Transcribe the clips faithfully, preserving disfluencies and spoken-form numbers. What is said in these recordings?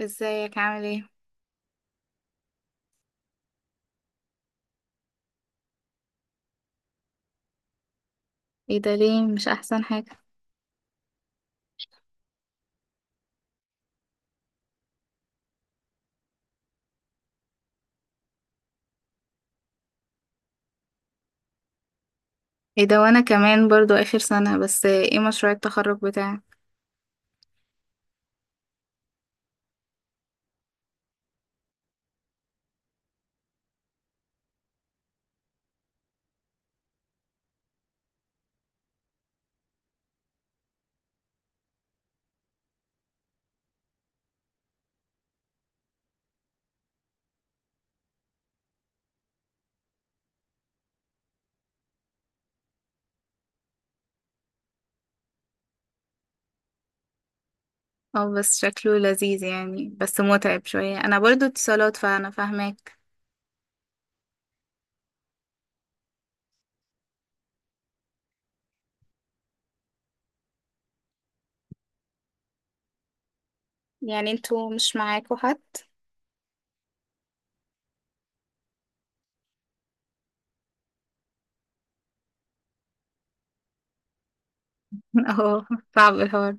ازيك؟ عامل ايه؟ ايه ده؟ ليه مش احسن حاجة؟ ايه ده، وانا كمان برضو اخر سنة. بس ايه مشروع التخرج بتاعك؟ اه بس شكله لذيذ يعني، بس متعب شوية. انا برضو اتصالات فانا فاهماك. يعني انتوا مش معاكوا حد؟ اه، صعب الحوار.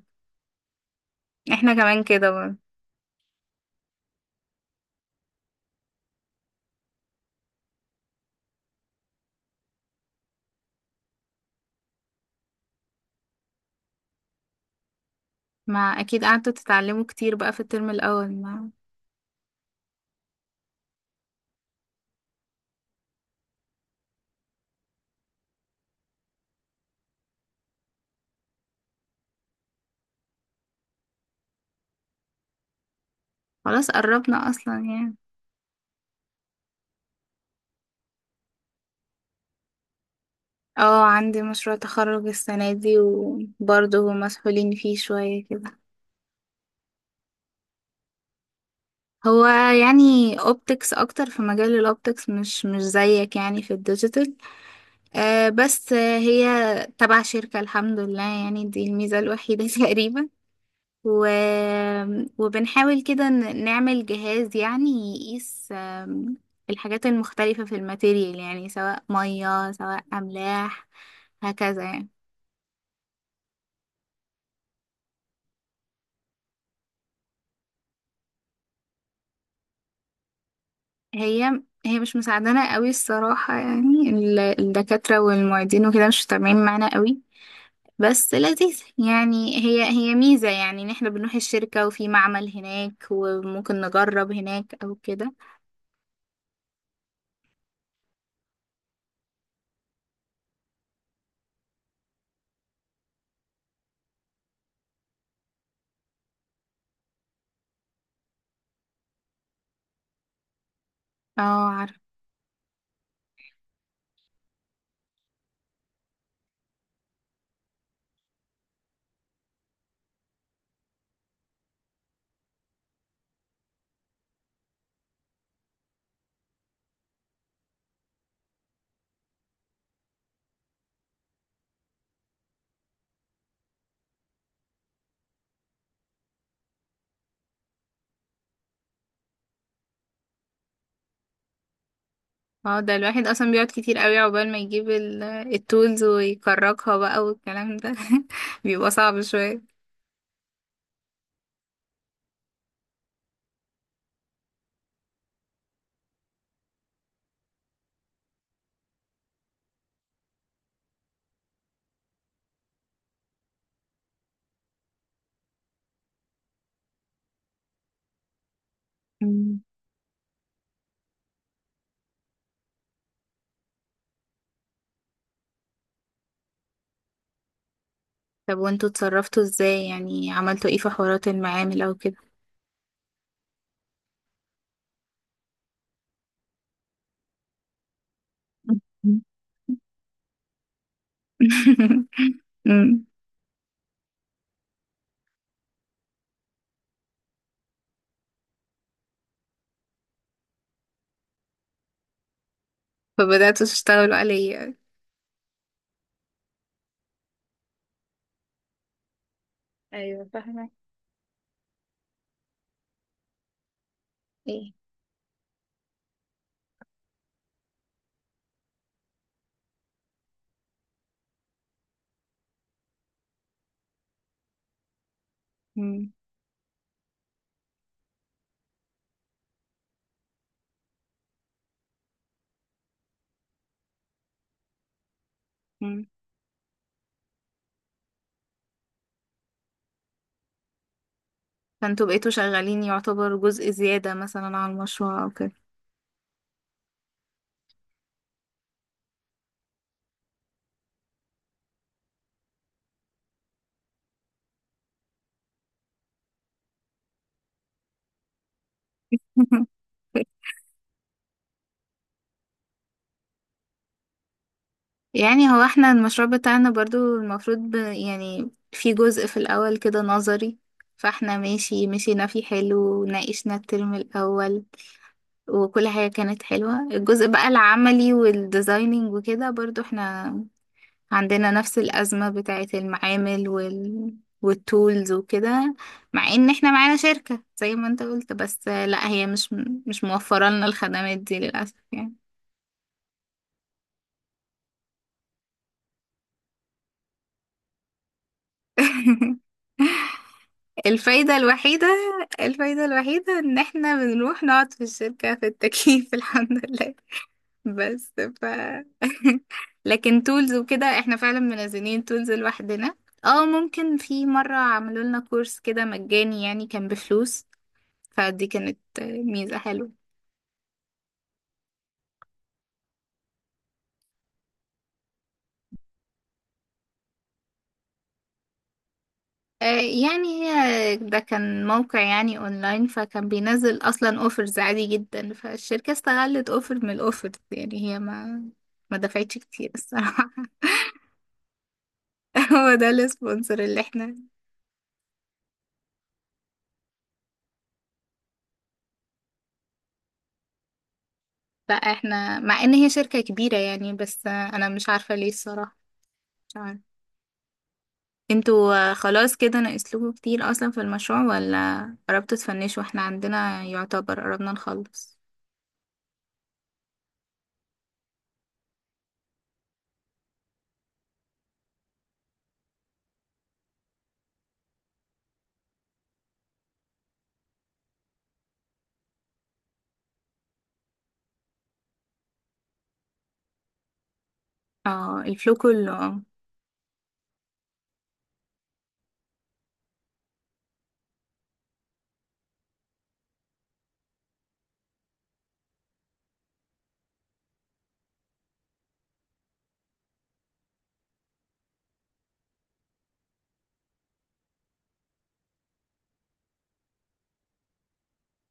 احنا كمان كده برضو. ما اكيد قعدتوا تتعلموا كتير بقى في الترم الاول. ما خلاص قربنا اصلا يعني. اه، عندي مشروع تخرج السنة دي، وبرضه مسحولين فيه شوية كده. هو يعني اوبتكس، اكتر في مجال الاوبتكس، مش مش زيك يعني في الديجيتال. آه بس آه، هي تبع شركة، الحمد لله يعني، دي الميزة الوحيدة تقريبا. و... وبنحاول كده ن- نعمل جهاز يعني يقيس آم، الحاجات المختلفة في الماتيريال، يعني سواء مية سواء أملاح، هكذا يعني. هي هي مش مساعدانا قوي الصراحة، يعني ال- الدكاترة والمعيدين وكده مش متابعين معانا قوي. بس لذيذ يعني، هي هي ميزة يعني، ان احنا بنروح الشركة وفي معمل هناك وممكن نجرب هناك او كده. اه، عارف. اه، ده الواحد اصلا بيقعد كتير قوي عقبال ما يجيب ال- التولز ويكركها بقى والكلام ده بيبقى صعب شوية. مم. طب وانتوا اتصرفتوا ازاي؟ يعني عملتوا ايه في حوارات المعامل او كده؟ مم. مم. فبدأتوا تشتغلوا عليا؟ ايوه فاهمة. ايه؟ مم. فانتوا بقيتوا شغالين يعتبر جزء زيادة مثلا على المشروع او كده؟ يعني هو احنا المشروع بتاعنا برضو المفروض ب... يعني في جزء في الأول كده نظري، فاحنا ماشي مشينا فيه حلو وناقشنا الترم الأول، وكل حاجة كانت حلوة. الجزء بقى العملي والديزايننج وكده، برضو احنا عندنا نفس الأزمة بتاعت المعامل وال... والتولز وكده. مع ان احنا معانا شركة زي ما انت قلت، بس لا، هي مش مش موفرة لنا الخدمات دي للأسف يعني. الفايدة الوحيدة، الفايدة الوحيدة ان احنا بنروح نقعد في الشركة في التكييف الحمد لله. بس ف لكن تولز وكده، احنا فعلا منزلين تولز لوحدنا. اه، ممكن في مرة عملوا لنا كورس كده مجاني يعني، كان بفلوس، فدي كانت ميزة حلوة. آه، يعني هي ده كان موقع يعني اونلاين، فكان بينزل اصلا اوفرز عادي جدا، فالشركة استغلت اوفر من الاوفرز، يعني هي ما ما دفعتش كتير الصراحة. هو ده السبونسر اللي احنا. لا، احنا مع ان هي شركة كبيرة يعني، بس آه، انا مش عارفة ليه الصراحة، مش عارفة. انتوا آه، خلاص كده ناقصلكوا كتير اصلا في المشروع ولا قربتوا تفنشوا؟ احنا عندنا يعتبر قربنا نخلص. اه، الفلو كله، اه.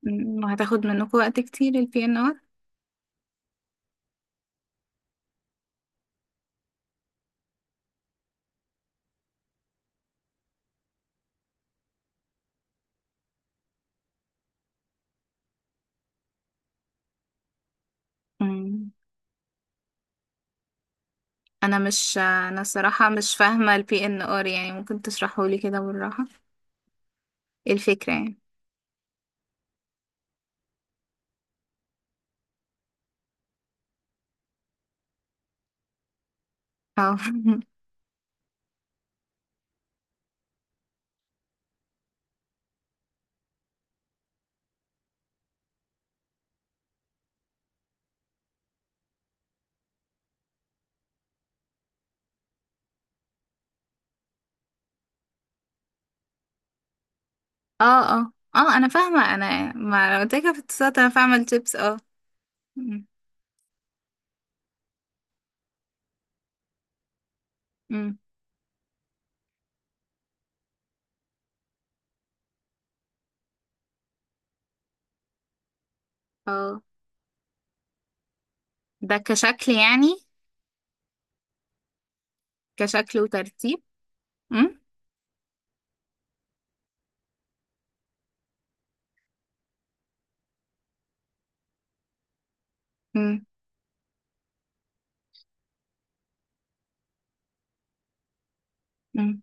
مم، وهتاخد منكم وقت كتير البي ان ار؟ مم. انا مش انا الصراحه مش فاهمه البي ان ار يعني، ممكن تشرحوا لي كده بالراحه؟ إيه الفكره يعني؟ اه اه اه اه، انا فاهمه، انا ما انا قلت لك في الاتصالات انا فاهمه التبس، اه. مم. مم. اه، ده كشكل يعني، كشكل وترتيب. مم. مم. مم.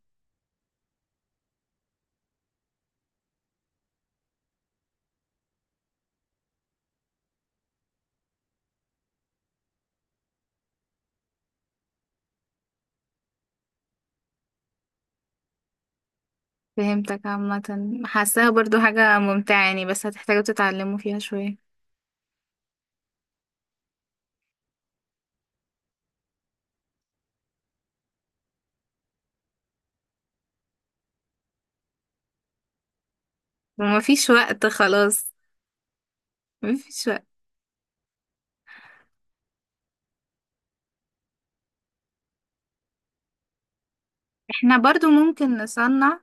فهمتك عامه. حاساها برضو حاجه ممتعه يعني، بس هتحتاجوا تتعلموا فيها شويه. ومفيش وقت خلاص، مفيش وقت. احنا برضو ممكن نصنع،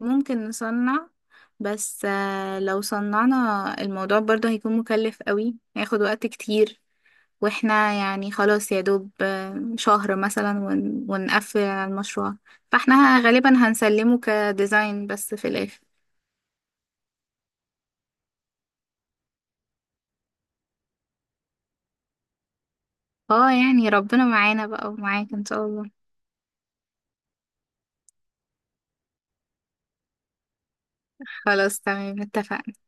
ممكن نصنع، بس آه، لو صنعنا، الموضوع برضو هيكون مكلف قوي، هياخد وقت كتير، واحنا يعني خلاص يا دوب آه، شهر مثلا، ون- ونقفل على المشروع، فاحنا غالبا هنسلمه كديزاين بس في الاخر. اه، يعني ربنا معانا بقى ومعاك ان شاء الله. خلاص، تمام، اتفقنا.